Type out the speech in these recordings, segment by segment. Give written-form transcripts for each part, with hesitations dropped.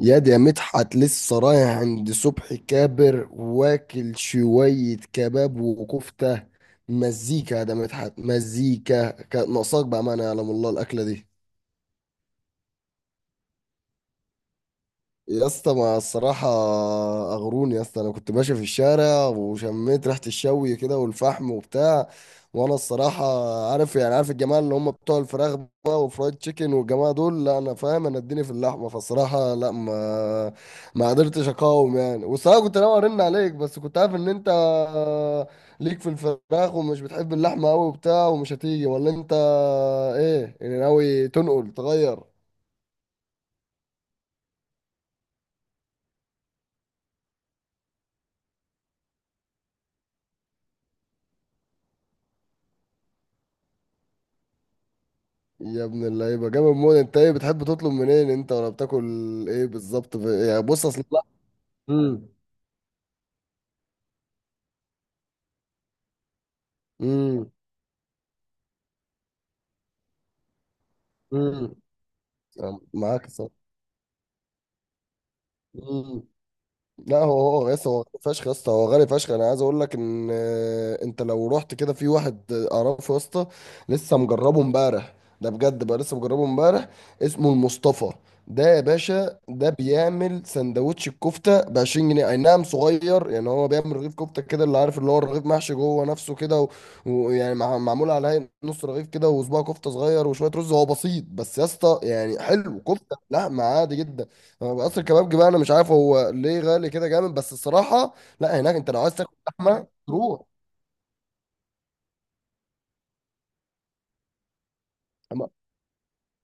ياد يا مدحت، لسه رايح عند صبحي كابر واكل شوية كباب وكفتة. مزيكا يا ده مدحت، مزيكا كانت ناقصاك بأمانة، يعلم الله الأكلة دي. يا اسطى ما الصراحة، أغروني يا اسطى، أنا كنت ماشي في الشارع وشميت ريحة الشوي كده والفحم وبتاع. وأنا الصراحة، عارف يعني عارف الجماعة اللي هم بتوع الفراخ بقى وفرايد تشيكن والجماعة دول، لا أنا فاهم، أنا اديني في اللحمة، فالصراحة لا ما قدرتش أقاوم يعني. والصراحة كنت ناوي أرن عليك بس كنت عارف إن أنت ليك في الفراخ ومش بتحب اللحمة أوي وبتاع ومش هتيجي، ولا أنت إيه يعني، ناوي تنقل تغير؟ يا ابن اللعيبه، جامد موت. انت ايه بتحب تطلب منين، انت ولا بتاكل ايه بالظبط في... يعني بص اصل لا. امم. امم. امم. معاك. صح. لا هو هو يا اسطى، هو غالي فشخ، يا اسطى هو غالي فشخ. انا عايز اقول لك ان انت لو رحت كده في واحد اعرفه يا اسطى، لسه مجربه امبارح. ده بجد بقى، لسه مجربه امبارح. اسمه المصطفى. ده يا باشا ده بيعمل سندوتش الكفته ب 20 جنيه، اي نعم صغير، يعني هو بيعمل رغيف كفته كده اللي عارف، اللي هو الرغيف محشي جوه نفسه كده و- ويعني معمول على هيئة نص رغيف كده وصباع كفته صغير وشويه رز. هو بسيط بس يا اسطى، يعني حلو. كفته لا عادي جدا. هو قصر الكبابجي بقى، انا مش عارف هو ليه غالي كده جامد بس الصراحه. لا هناك انت لو عايز تاكل لحمه تروح.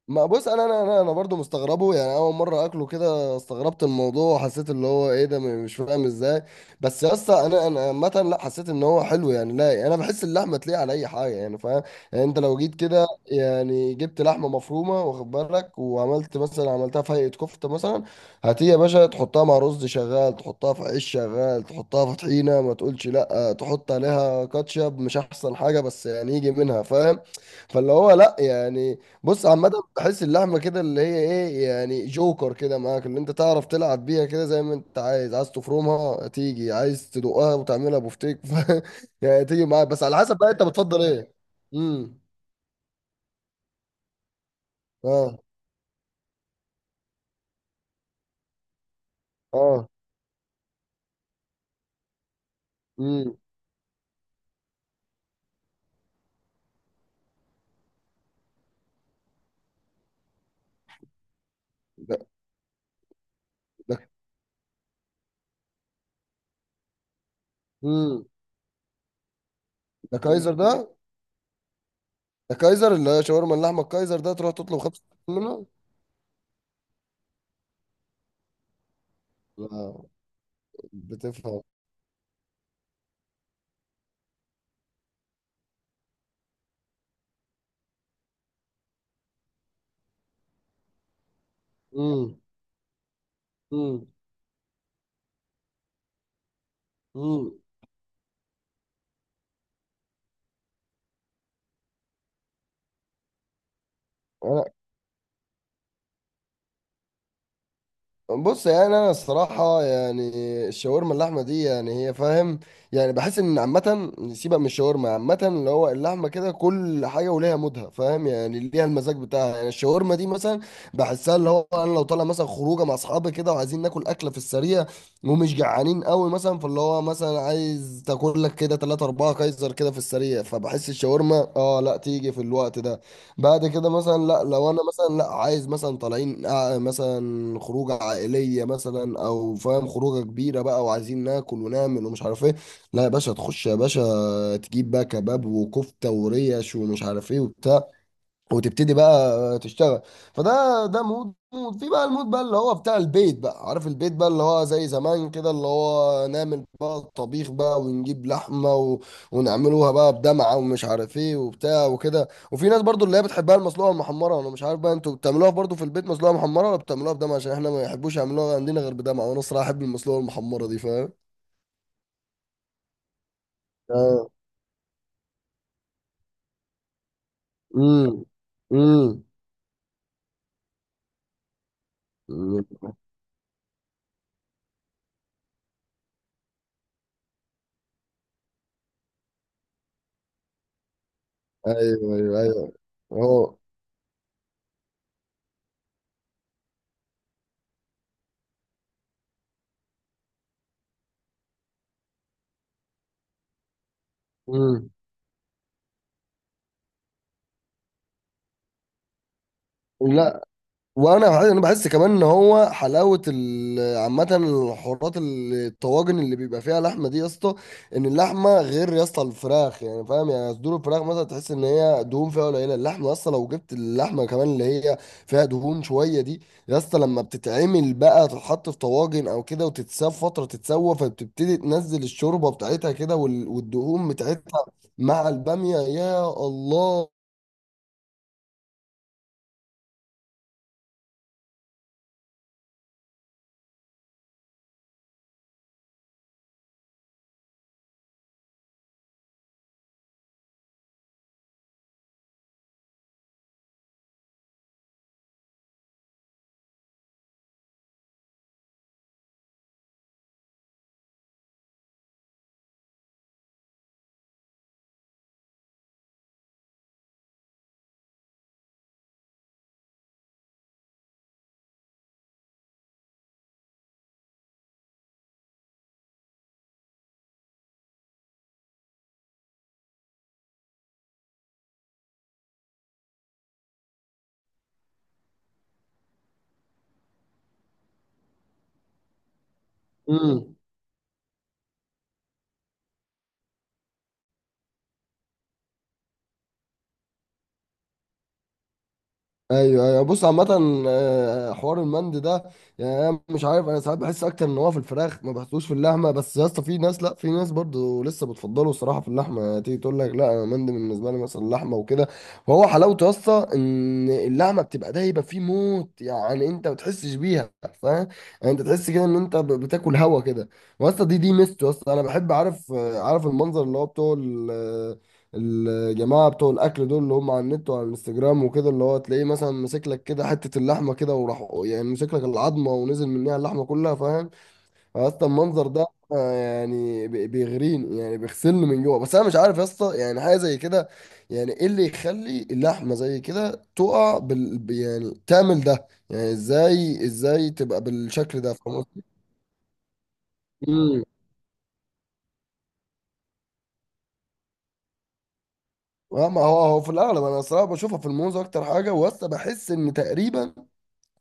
ما بص، انا برضو مستغربه يعني. اول مره اكله كده استغربت الموضوع وحسيت اللي هو ايه ده، مش فاهم ازاي. بس يا اسطى انا عامه لا حسيت ان هو حلو يعني. لا يعني انا بحس اللحمه تليق على اي حاجه يعني، فاهم؟ يعني انت لو جيت كده يعني جبت لحمه مفرومه واخد بالك وعملت مثلا، عملتها في هيئه كفته مثلا، هاتيه يا باشا، تحطها مع رز شغال، تحطها في عيش شغال، تحطها في طحينه، ما تقولش لا تحط عليها كاتشب مش احسن حاجه، بس يعني يجي منها، فاهم؟ فاللي هو لا يعني. بص عامة، بحس اللحمة كده اللي هي ايه، يعني جوكر كده معاك، اللي انت تعرف تلعب بيها كده زي ما انت عايز تفرمها تيجي، عايز تدقها وتعملها بفتيك ف... يعني تيجي معاك، بس على حسب بقى انت بتفضل ايه. امم. اه. اه. امم. ده ده. امم. ده كايزر ده كايزر اللي هي شاورما اللحمة. الكايزر ده تروح تطلب خمسة منه. لا بتفهم. امم. امم. امم. بص يعني انا الصراحه يعني الشاورما اللحمه دي يعني هي، فاهم؟ يعني بحس ان عامه سيبك من الشاورما، عامه اللي هو اللحمه كده كل حاجه وليها مودها، فاهم؟ يعني ليها المزاج بتاعها. يعني الشاورما دي مثلا بحسها اللي هو انا لو طالع مثلا خروجه مع اصحابي كده وعايزين ناكل اكله في السريع ومش جعانين قوي مثلا، فاللي هو مثلا عايز تاكل لك كده 3 4 كايزر كده في السريع، فبحس الشاورما اه لا تيجي في الوقت ده. بعد كده مثلا، لا لو انا مثلا، لا عايز مثلا طالعين مثلا خروجه عائليه مثلا، او فاهم خروجه كبيره بقى وعايزين ناكل ونعمل ومش عارف ايه، لا يا باشا تخش يا باشا تجيب بقى كباب وكفته وريش ومش عارف ايه وبتاع وتبتدي بقى تشتغل. فده ده مود في بقى المود بقى اللي هو بتاع البيت بقى، عارف؟ البيت بقى اللي هو زي زمان كده، اللي هو نعمل بقى الطبيخ بقى ونجيب لحمة و... ونعملوها بقى بدمعة ومش عارف ايه وبتاع وكده. وفي ناس برضو اللي هي بتحبها المسلوقة المحمرة، انا مش عارف بقى انتوا بتعملوها برضو في البيت مسلوقة محمرة ولا بتعملوها بدمعة؟ عشان احنا ما يحبوش يعملوها عندنا غير بدمعة، وانا الصراحة احب المسلوقة المحمرة دي، فاهم؟ اه. امم. امم. ايوه، ايوه، ايوه. هو. امم. لا وانا بحس- انا بحس كمان ان هو حلاوه عامه الحوارات الطواجن اللي بيبقى فيها لحمه دي يا اسطى. ان اللحمه غير يا اسطى الفراخ، يعني فاهم؟ يعني صدور الفراخ مثلا تحس ان هي دهون فيها قليله. اللحمه يا اسطى لو جبت اللحمه كمان اللي هي فيها دهون شويه دي، يا اسطى لما بتتعمل بقى تتحط في طواجن او كده وتتساب فتره تتسوى، فبتبتدي تنزل الشوربه بتاعتها كده وال- والدهون بتاعتها مع الباميه، يا الله. ايوه ايوه، بص عامة. حوار المند ده، يعني انا مش عارف، انا ساعات بحس اكتر ان هو في الفراخ ما بحسوش في اللحمة، بس يا اسطى في ناس لا، في ناس برضو لسه بتفضله الصراحة في اللحمة، يعني تيجي تقول لك لا انا المند بالنسبة لي مثلا اللحمة وكده. فهو حلاوته يا اسطى ان اللحمة بتبقى دايبة فيه موت يعني، انت ما بتحسش بيها، فاهم؟ يعني انت تحس كده ان انت بتاكل هوا كده. واسطى دي ميزته يا اسطى. انا بحب، عارف المنظر اللي هو بتوع الجماعة بتوع الأكل دول اللي هم على النت وعلى الانستجرام وكده، اللي هو تلاقيه مثلا ماسك لك كده حتة اللحمة كده، وراح يعني ماسك لك العظمة ونزل منها اللحمة كلها، فاهم؟ أصلا المنظر ده يعني بيغريني يعني بيغسلني من جوه. بس أنا مش عارف يا اسطى يعني حاجة زي كده. يعني إيه اللي يخلي اللحمة زي كده تقع بال يعني تعمل ده يعني إزاي تبقى بالشكل ده، فاهم قصدي؟ مم. اه، ما هو هو في الأغلب أنا الصراحة بشوفها في الموز أكتر حاجة. وأصلا بحس إن تقريبا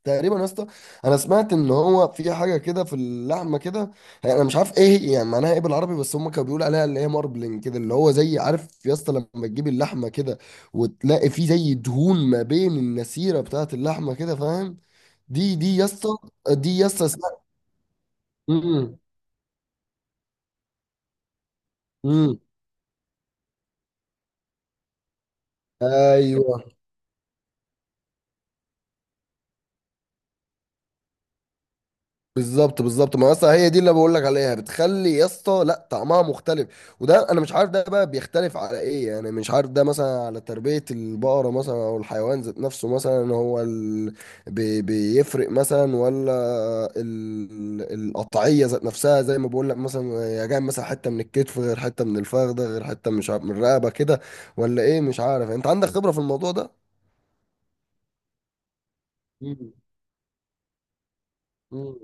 تقريبا يا اسطى، انا سمعت ان هو في حاجه كده في اللحمه كده، يعني انا مش عارف ايه هي، يعني معناها ايه بالعربي، بس هم كانوا بيقولوا عليها اللي هي ماربلنج كده، اللي هو زي، عارف يا اسطى لما تجيب اللحمه كده وتلاقي فيه زي دهون ما بين النسيره بتاعه اللحمه كده، فاهم؟ دي يا اسطى، دي يا اسطى اسمها. امم. امم. ايوه، بالظبط بالظبط. ما اصلا هي دي اللي بقول لك عليها، بتخلي يا اسطى لا طعمها مختلف. وده انا مش عارف ده بقى بيختلف على ايه، يعني مش عارف ده مثلا على تربية البقرة مثلا او الحيوان ذات نفسه مثلا، هو ال... بيفرق مثلا، ولا ال... القطعية ذات نفسها زي ما بقول لك مثلا يا جاي مثلا، حتة من الكتف غير حتة من الفخذ غير حتة مش عارف من الرقبة كده، ولا ايه؟ مش عارف، انت عندك خبرة في الموضوع ده؟ مم. مم.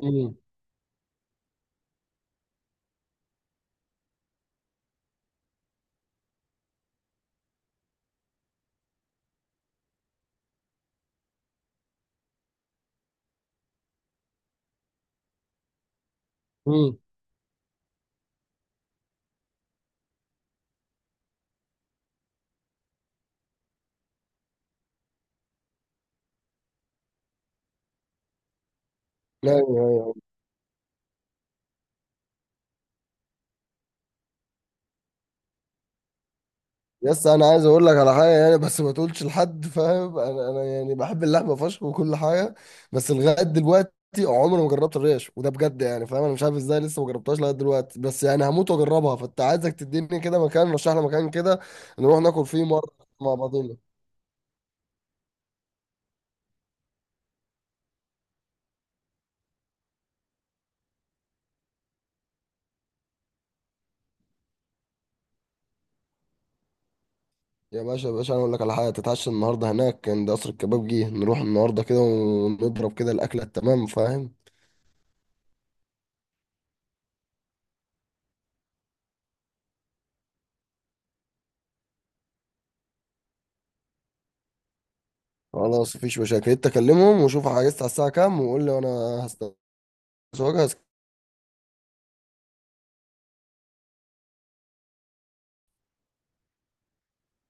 مم. مم. ايوه. يس، انا عايز اقول لك على حاجه يعني، بس ما تقولش لحد، فاهم؟ انا يعني بحب اللحمه فشخ وكل حاجه، بس لغايه دلوقتي عمري ما جربت الريش. وده بجد يعني فاهم، انا مش عارف ازاي لسه ما جربتهاش لغايه دلوقتي، بس يعني هموت واجربها. فانت عايزك تديني كده مكان، رشح لي مكان كده نروح ناكل فيه مره مع بعضنا. يا باشا يا باشا انا اقول لك على حاجه، تتعشى النهارده هناك عند قصر الكباب جه، نروح النهارده كده ونضرب كده الاكله التمام، فاهم؟ خلاص مفيش مشاكل، انت كلمهم وشوف عايز على الساعه كام وقول لي، وانا هستنى.